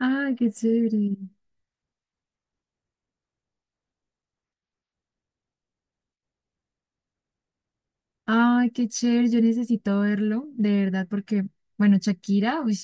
Ay, qué chévere. Ay, qué chévere. Yo necesito verlo, de verdad, porque, bueno, Shakira, uy,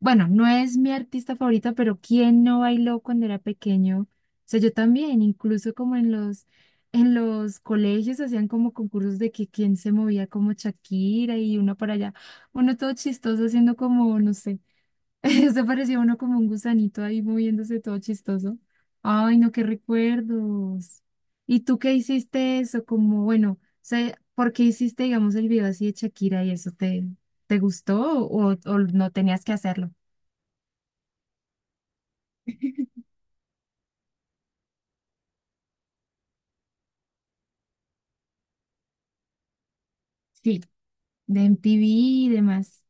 bueno, no es mi artista favorita, pero ¿quién no bailó cuando era pequeño? O sea, yo también, incluso como en en los colegios hacían como concursos de que quién se movía como Shakira y uno para allá, uno todo chistoso haciendo como, no sé. Eso parecía uno como un gusanito ahí moviéndose todo chistoso. Ay, no, qué recuerdos. ¿Y tú qué hiciste eso? Como, bueno, o sea, ¿por qué hiciste, digamos, el video así de Shakira y eso te gustó o no tenías que hacerlo? Sí, de MTV y demás.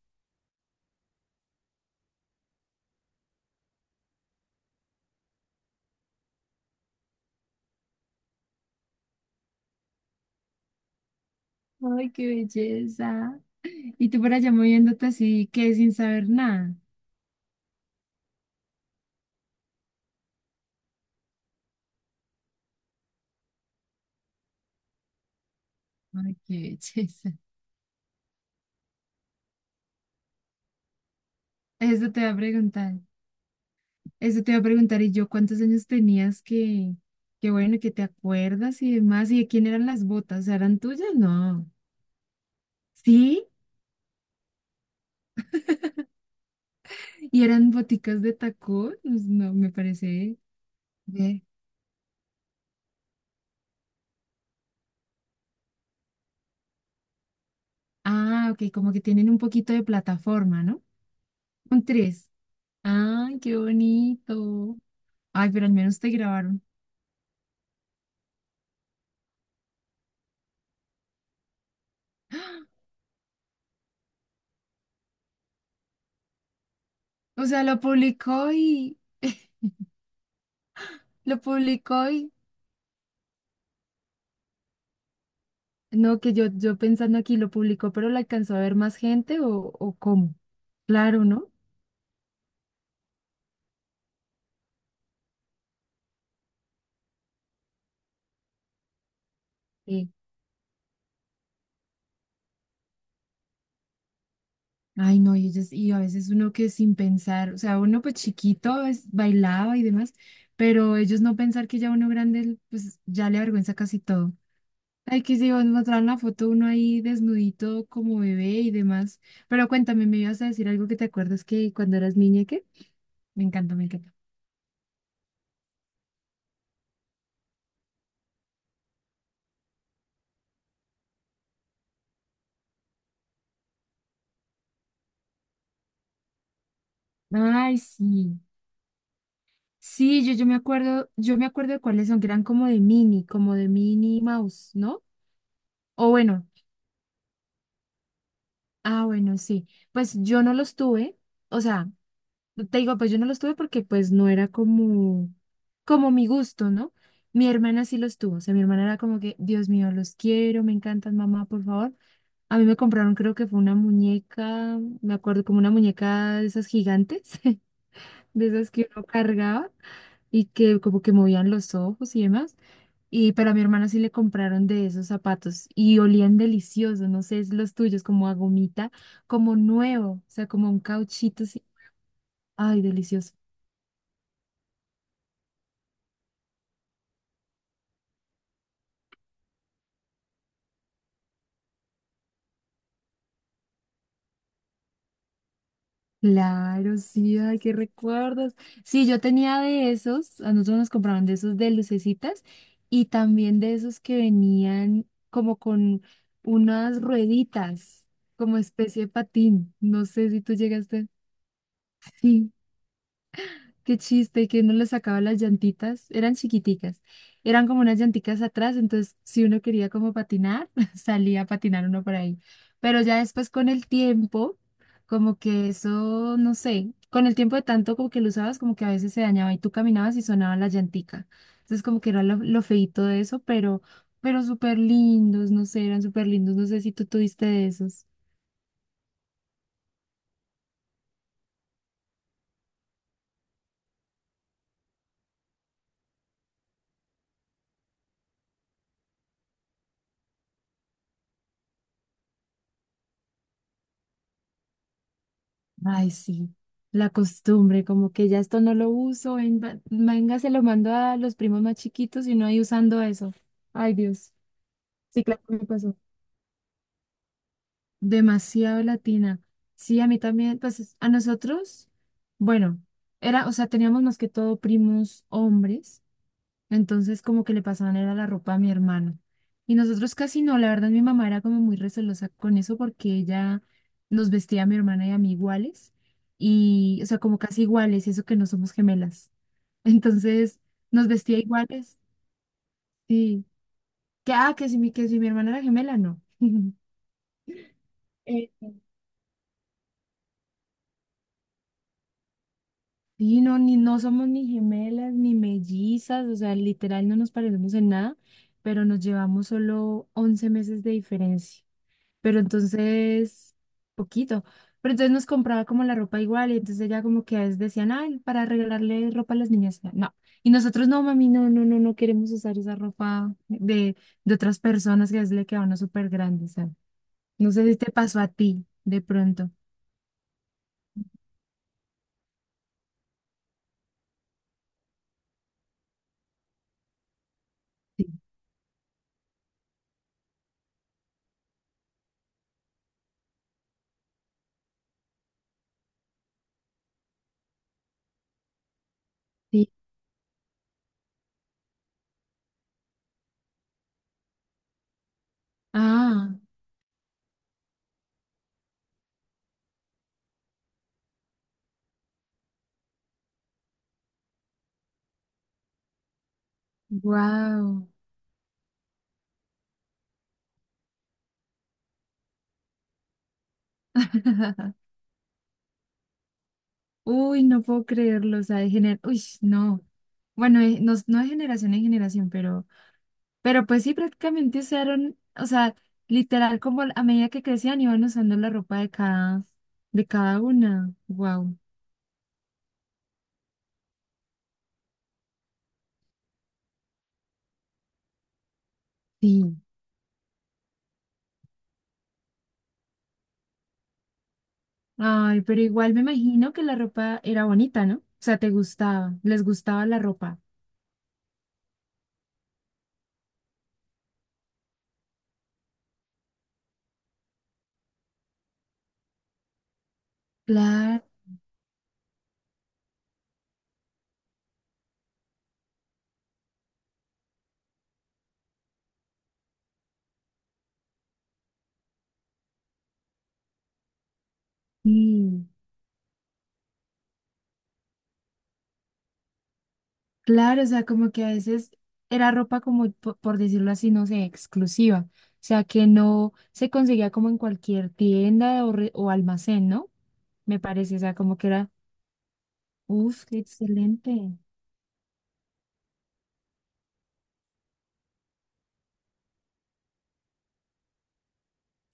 Ay, qué belleza. Y tú por allá moviéndote así, que sin saber nada. Ay, qué belleza. Eso te va a preguntar. Eso te iba a preguntar, ¿y yo cuántos años tenías que bueno, que te acuerdas y demás? ¿Y de quién eran las botas? O sea, ¿eran tuyas? No. ¿Sí? ¿Y eran boticas de tacón? Pues no, me parece. Ve. Ah, ok, como que tienen un poquito de plataforma, ¿no? Un tres. Ay, qué bonito. Ay, pero al menos te grabaron. O sea, lo publicó y lo publicó y no, que yo pensando aquí lo publicó, pero lo alcanzó a ver más gente o cómo. Claro, ¿no? Sí. Ay, no, y, ellos- y a veces uno que sin pensar, o sea, uno pues chiquito es- bailaba y demás, pero ellos no pensar que ya uno grande, pues ya le avergüenza casi todo. Ay, que si vos mostraron la foto uno ahí desnudito como bebé y demás. Pero cuéntame, me ibas a decir algo que te acuerdas que cuando eras niña, ¿qué? Me encanta, me encanta. Ay, sí. Sí, yo me acuerdo, yo me acuerdo de cuáles son, que eran como de mini mouse, ¿no? O bueno, ah, bueno, sí. Pues yo no los tuve, o sea. Te digo, pues yo no los tuve porque pues no era como, como mi gusto, ¿no? Mi hermana sí los tuvo, o sea, mi hermana era como que, Dios mío, los quiero, me encantan, mamá, por favor. A mí me compraron, creo que fue una muñeca, me acuerdo, como una muñeca de esas gigantes, de esas que uno cargaba y que como que movían los ojos y demás. Y pero a mi hermana sí le compraron de esos zapatos y olían deliciosos, no sé, es los tuyos, como a gomita, como nuevo, o sea, como un cauchito, sí. Ay, delicioso. Claro, sí, ay, qué recuerdos. Sí, yo tenía de esos, a nosotros nos compraban de esos de lucecitas y también de esos que venían como con unas rueditas, como especie de patín. No sé si tú llegaste. Sí. Qué chiste, que uno le sacaba las llantitas, eran chiquiticas, eran como unas llanticas atrás, entonces si uno quería como patinar, salía a patinar uno por ahí. Pero ya después con el tiempo, como que eso, no sé, con el tiempo de tanto como que lo usabas, como que a veces se dañaba y tú caminabas y sonaba la llantica. Entonces como que era lo feíto de eso, pero súper lindos, no sé, eran súper lindos, no sé si tú tuviste de esos. Ay, sí, la costumbre, como que ya esto no lo uso, ven- va- venga, se lo mando a los primos más chiquitos y no hay usando eso. Ay, Dios. Sí, claro, me pasó. Demasiado latina. Sí, a mí también, pues es- a nosotros, bueno, era, o sea, teníamos más que todo primos hombres. Entonces como que le pasaban era la ropa a mi hermano. Y nosotros casi no, la verdad mi mamá era como muy recelosa con eso porque ella nos vestía a mi hermana y a mí iguales. Y, o sea, como casi iguales, y eso que no somos gemelas. Entonces nos vestía iguales. Sí. Que, ah, que si mi hermana era gemela, no. Eh, sí, no, ni, no somos ni gemelas ni mellizas, o sea, literal no nos parecemos en nada, pero nos llevamos solo 11 meses de diferencia. Pero entonces, poquito. Pero entonces nos compraba como la ropa igual y entonces ella como que a veces decían, ay, para regalarle ropa a las niñas. No. Y nosotros, no, mami, no queremos usar esa ropa de otras personas que a veces le queda a uno súper grande. O sea, no sé si te pasó a ti de pronto. Sí, sí, ah, wow. Uy, no puedo creerlo. O sea, de gener... Uy, no. Bueno, no, no de generación en generación, pero pues sí, prácticamente usaron, o sea, literal como a medida que crecían iban usando la ropa de cada una. Wow. Sí. Ay, pero igual me imagino que la ropa era bonita, ¿no? O sea, te gustaba, les gustaba la ropa. Claro. Sí. Claro, o sea, como que a veces era ropa como, po- por decirlo así, no sé, exclusiva. O sea, que no se conseguía como en cualquier tienda o, re- o almacén, ¿no? Me parece, o sea, como que era, uff, qué excelente.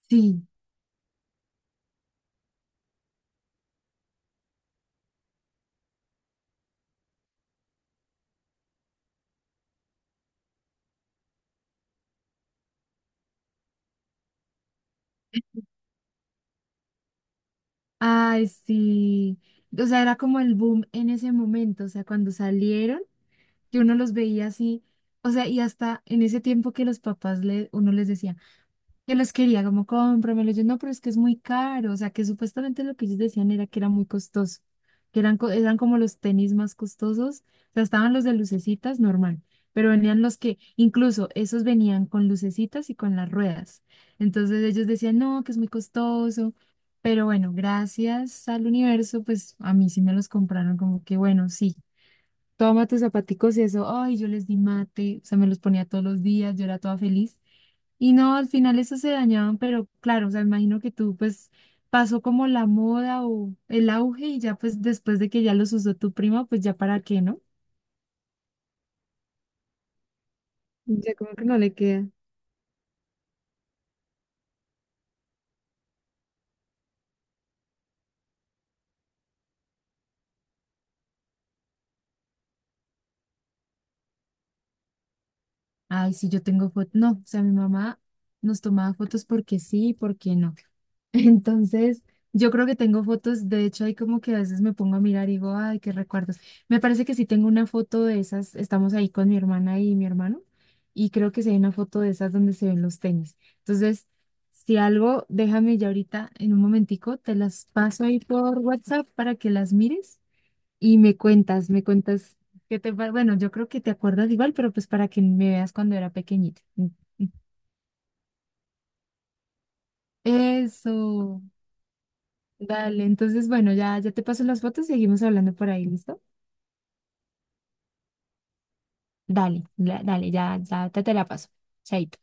Sí, ay, sí. O sea, era como el boom en ese momento. O sea, cuando salieron, yo uno los veía así. O sea, y hasta en ese tiempo que los papás le, uno les decía. Yo los quería como cómpramelos. Yo no, pero es que es muy caro. O sea, que supuestamente lo que ellos decían era que era muy costoso, que eran, co- eran como los tenis más costosos. O sea, estaban los de lucecitas normal, pero venían los que, incluso esos venían con lucecitas y con las ruedas. Entonces ellos decían, no, que es muy costoso. Pero bueno, gracias al universo, pues a mí sí me los compraron como que bueno, sí, toma tus zapaticos y eso, ay, yo les di mate, o sea, me los ponía todos los días, yo era toda feliz. Y no, al final eso se dañaban, pero claro, o sea, imagino que tú pues pasó como la moda o el auge y ya pues después de que ya los usó tu prima, pues ya para qué, ¿no? Ya como que no le queda. Ay, sí, yo tengo fotos, no, o sea, mi mamá nos tomaba fotos porque sí y porque no. Entonces, yo creo que tengo fotos, de hecho, ahí como que a veces me pongo a mirar y digo, ay, qué recuerdos. Me parece que sí tengo una foto de esas, estamos ahí con mi hermana y mi hermano, y creo que sí hay una foto de esas donde se ven los tenis. Entonces, si algo, déjame ya ahorita en un momentico, te las paso ahí por WhatsApp para que las mires y me cuentas qué te pa- Bueno, yo creo que te acuerdas igual, pero pues para que me veas cuando era pequeñita. Mm, mm. Eso. Dale, entonces, bueno, ya, ya te paso las fotos, seguimos hablando por ahí, ¿listo? Dale, la- dale, ya te la paso. Chaito.